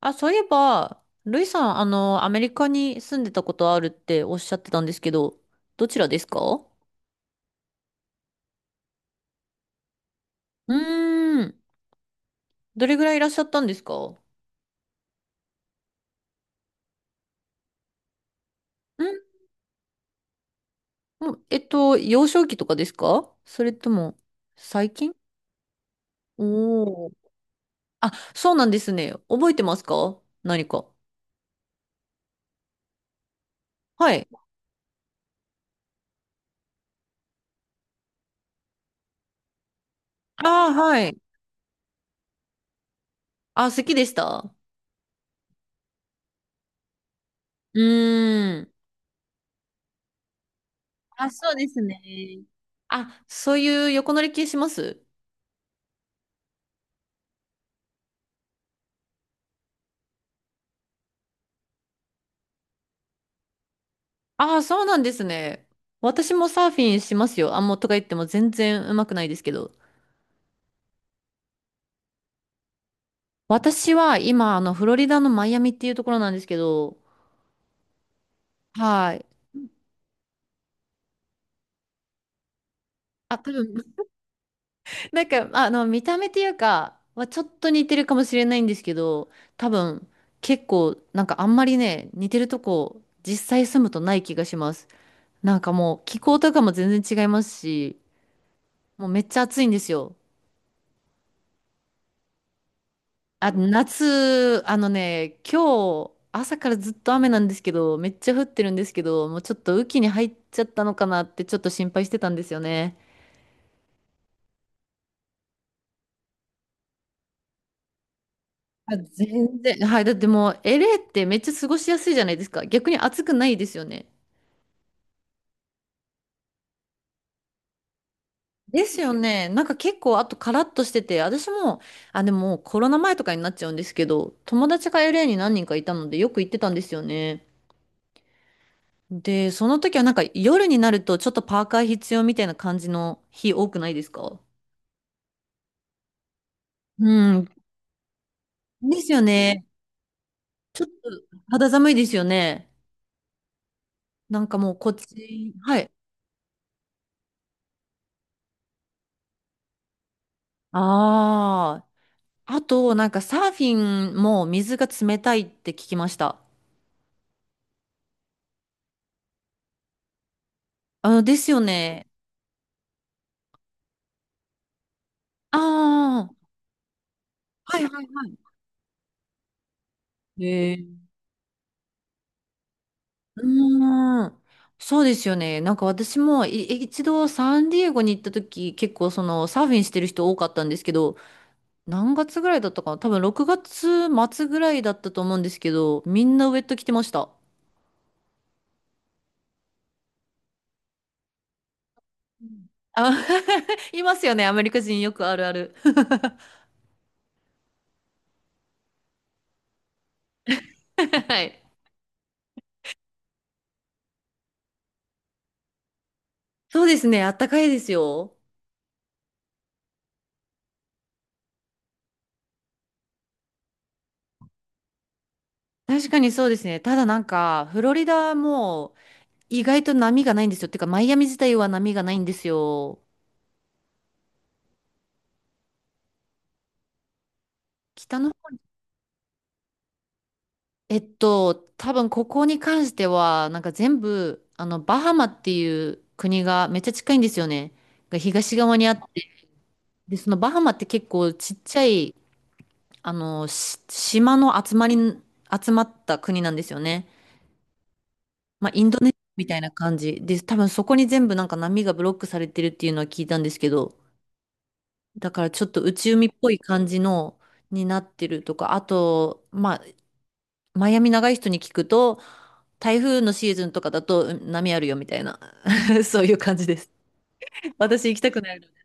あ、そういえば、ルイさん、アメリカに住んでたことあるっておっしゃってたんですけど、どちらですか？うーん。どれぐらいいらっしゃったんですかん？もう幼少期とかですか？それとも、最近？おー。あ、そうなんですね。覚えてますか、何か？はい。ああ、はい。あ、好きでした？うーん。あ、そうですね。あ、そういう横乗り系します？ああ、そうなんですね。私もサーフィンしますよ。あ、もうとか言っても全然うまくないですけど。私は今、フロリダのマイアミっていうところなんですけど、はい。あ、多分、なんか、見た目っていうか、はちょっと似てるかもしれないんですけど、多分、結構、なんかあんまりね、似てるとこ、実際住むとない気がします。なんかもう、気候とかも全然違いますし、もうめっちゃ暑いんですよ。あ、夏、あのね、今日、朝からずっと雨なんですけど、めっちゃ降ってるんですけど、もうちょっと雨季に入っちゃったのかなってちょっと心配してたんですよね。あ、全然。はい。だってもう、LA ってめっちゃ過ごしやすいじゃないですか。逆に暑くないですよね。ですよね。なんか結構、あとカラッとしてて、私も、あ、でもコロナ前とかになっちゃうんですけど、友達が LA に何人かいたので、よく行ってたんですよね。で、その時はなんか夜になるとちょっとパーカー必要みたいな感じの日多くないですか？うん。ですよね。ちょっと肌寒いですよね。なんかもうこっち、はい。ああ。あと、なんかサーフィンも水が冷たいって聞きました。あ、ですよね。ああ。はいはいはい。へうーん。そうですよね。なんか私も一度サンディエゴに行った時、結構そのサーフィンしてる人多かったんですけど、何月ぐらいだったかな、多分6月末ぐらいだったと思うんですけど、みんなウェット着てました。うんあ、いますよね。アメリカ人よくあるある。はい。そうですね。あったかいですよ。確かにそうですね。ただなんか、フロリダも意外と波がないんですよ。てか、マイアミ自体は波がないんですよ。北の方、多分ここに関しては、なんか全部、バハマっていう国がめっちゃ近いんですよね。が東側にあって。で、そのバハマって結構ちっちゃい、し島の集まり、集まった国なんですよね。まあ、インドネシアみたいな感じで、多分そこに全部なんか波がブロックされてるっていうのは聞いたんですけど、だからちょっと内海っぽい感じのになってるとか、あと、まあ、マイアミ長い人に聞くと、台風のシーズンとかだとうん波あるよみたいな、そういう感じです。私行きたくないので。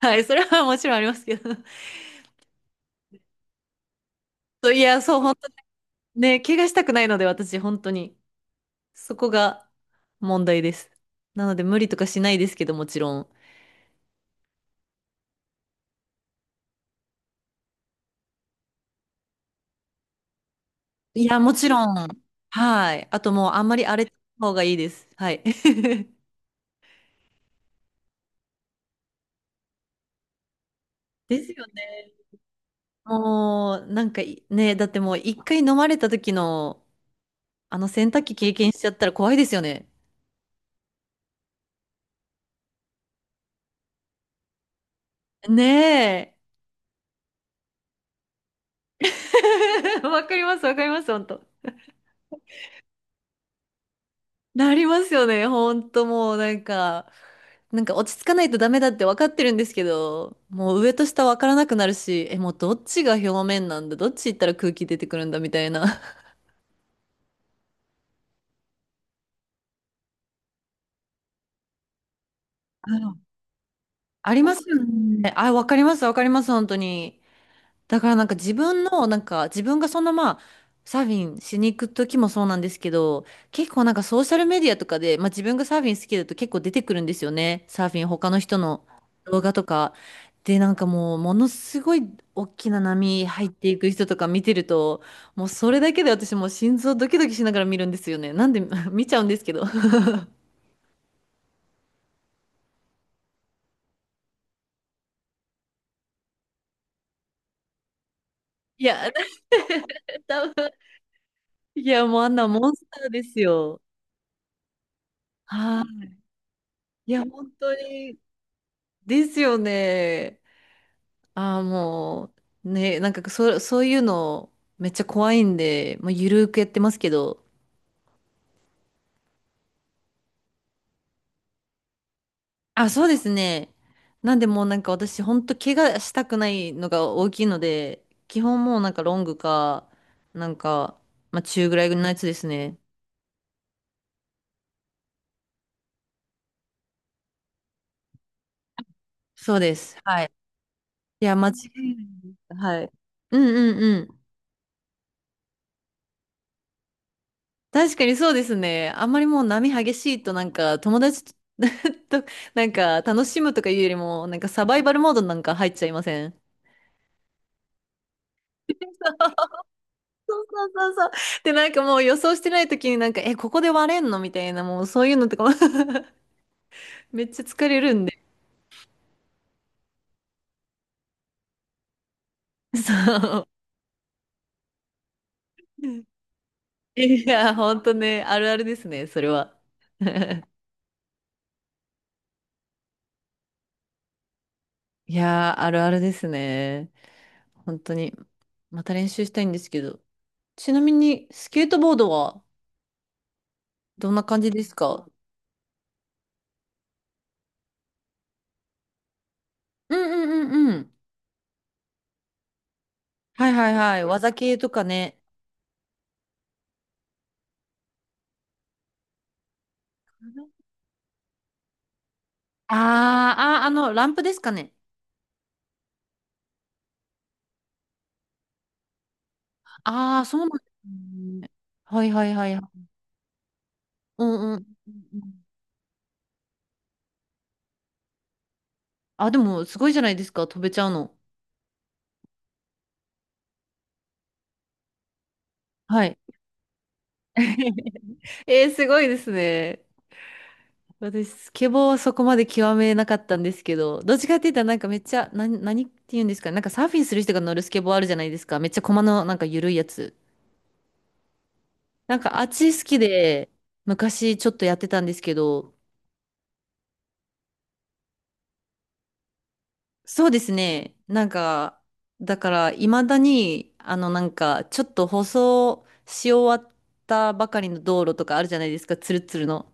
はい、それはもちろんありますけど。そういや、そう、本当にね、怪我したくないので、私、本当に。そこが問題です。なので、無理とかしないですけど、もちろん。いや、もちろん。はい。あともう、あんまり荒れた方がいいです。はい。ですよね。もう、なんか、ね、だってもう、一回飲まれた時の、あの洗濯機経験しちゃったら怖いですよね。ねえ。わかります、わかります、本当。なりますよね、本当もう、なんか落ち着かないとダメだって分かってるんですけど、もう上と下分からなくなるし、え、もうどっちが表面なんだ、どっち行ったら空気出てくるんだみたいな。ありますよね。あ、わかります、わかります、本当に。だからなんか自分の、なんか自分がそのまあ、サーフィンしに行く時もそうなんですけど、結構なんかソーシャルメディアとかで、まあ自分がサーフィン好きだと結構出てくるんですよね。サーフィン、他の人の動画とか。で、なんかもう、ものすごい大きな波入っていく人とか見てると、もうそれだけで私もう心臓ドキドキしながら見るんですよね。なんで 見ちゃうんですけど。いや、多分、いやもうあんなモンスターですよ。はい、いや、本当にですよね。ああ、もう、ね、なんかそういうのめっちゃ怖いんで、まあ、ゆるーくやってますけど。あ、そうですね。なんでもうなんか私、本当怪我したくないのが大きいので、基本もうなんかロングか、なんか、まあ中ぐらいのやつですね。そうです。はい。いや、間違いないです。はい。うんうんうん。確かにそうですね。あんまりもう波激しいとなんか友達と となんか楽しむとかいうよりもなんかサバイバルモードなんか入っちゃいません？そうそうそうそう。で、なんかもう予想してない時になんか、え、ここで割れんのみたいな、もうそういうのとかも めっちゃ疲れるんで。そう。いや、ほんとね、あるあるですね、それは。いやー、あるあるですね。本当に。また練習したいんですけど。ちなみに、スケートボードはどんな感じですか？うんうんうんうん。はいはいはい。技系とかね。あーあー、ランプですかね。ああ、そうなんですね。はいはいはい。うんうん。あ、でも、すごいじゃないですか。飛べちゃうの。はい。すごいですね。私、スケボーはそこまで極めなかったんですけど、どっちかって言ったらなんかめっちゃ、何って言うんですかね。なんかサーフィンする人が乗るスケボーあるじゃないですか。めっちゃ駒のなんか緩いやつ。なんかあっち好きで、昔ちょっとやってたんですけど、そうですね。なんか、だから、いまだに、なんか、ちょっと舗装し終わったばかりの道路とかあるじゃないですか、ツルツルの。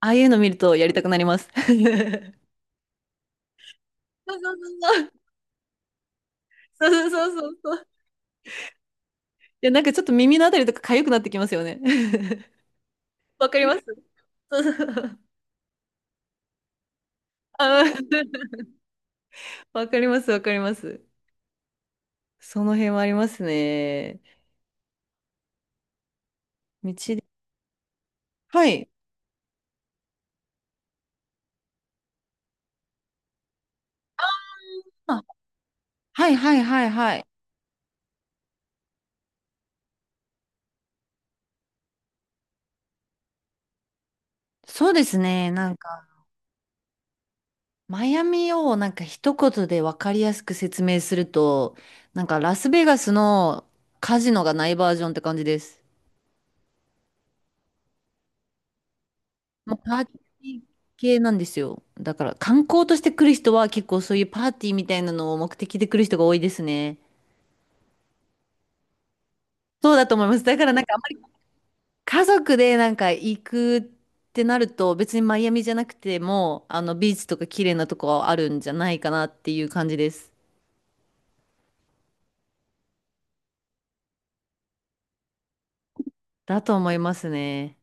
ああいうの見るとやりたくなります。そうそうそうそう。そうそうそうそう。いや、なんかちょっと耳のあたりとか痒くなってきますよね。わかります、そうそうそう。あ、わかります、わかります。その辺はありますね。道で。はい。あ、はいはいはいはい。そうですね。なんかマイアミをなんか一言で分かりやすく説明すると、なんかラスベガスのカジノがないバージョンって感じです。もうパーティー系なんですよ。だから観光として来る人は結構そういうパーティーみたいなのを目的で来る人が多いですね。そうだと思います。だからなんかあんまり家族でなんか行くってなると別にマイアミじゃなくてもあのビーチとか綺麗なとこあるんじゃないかなっていう感じです。だと思いますね。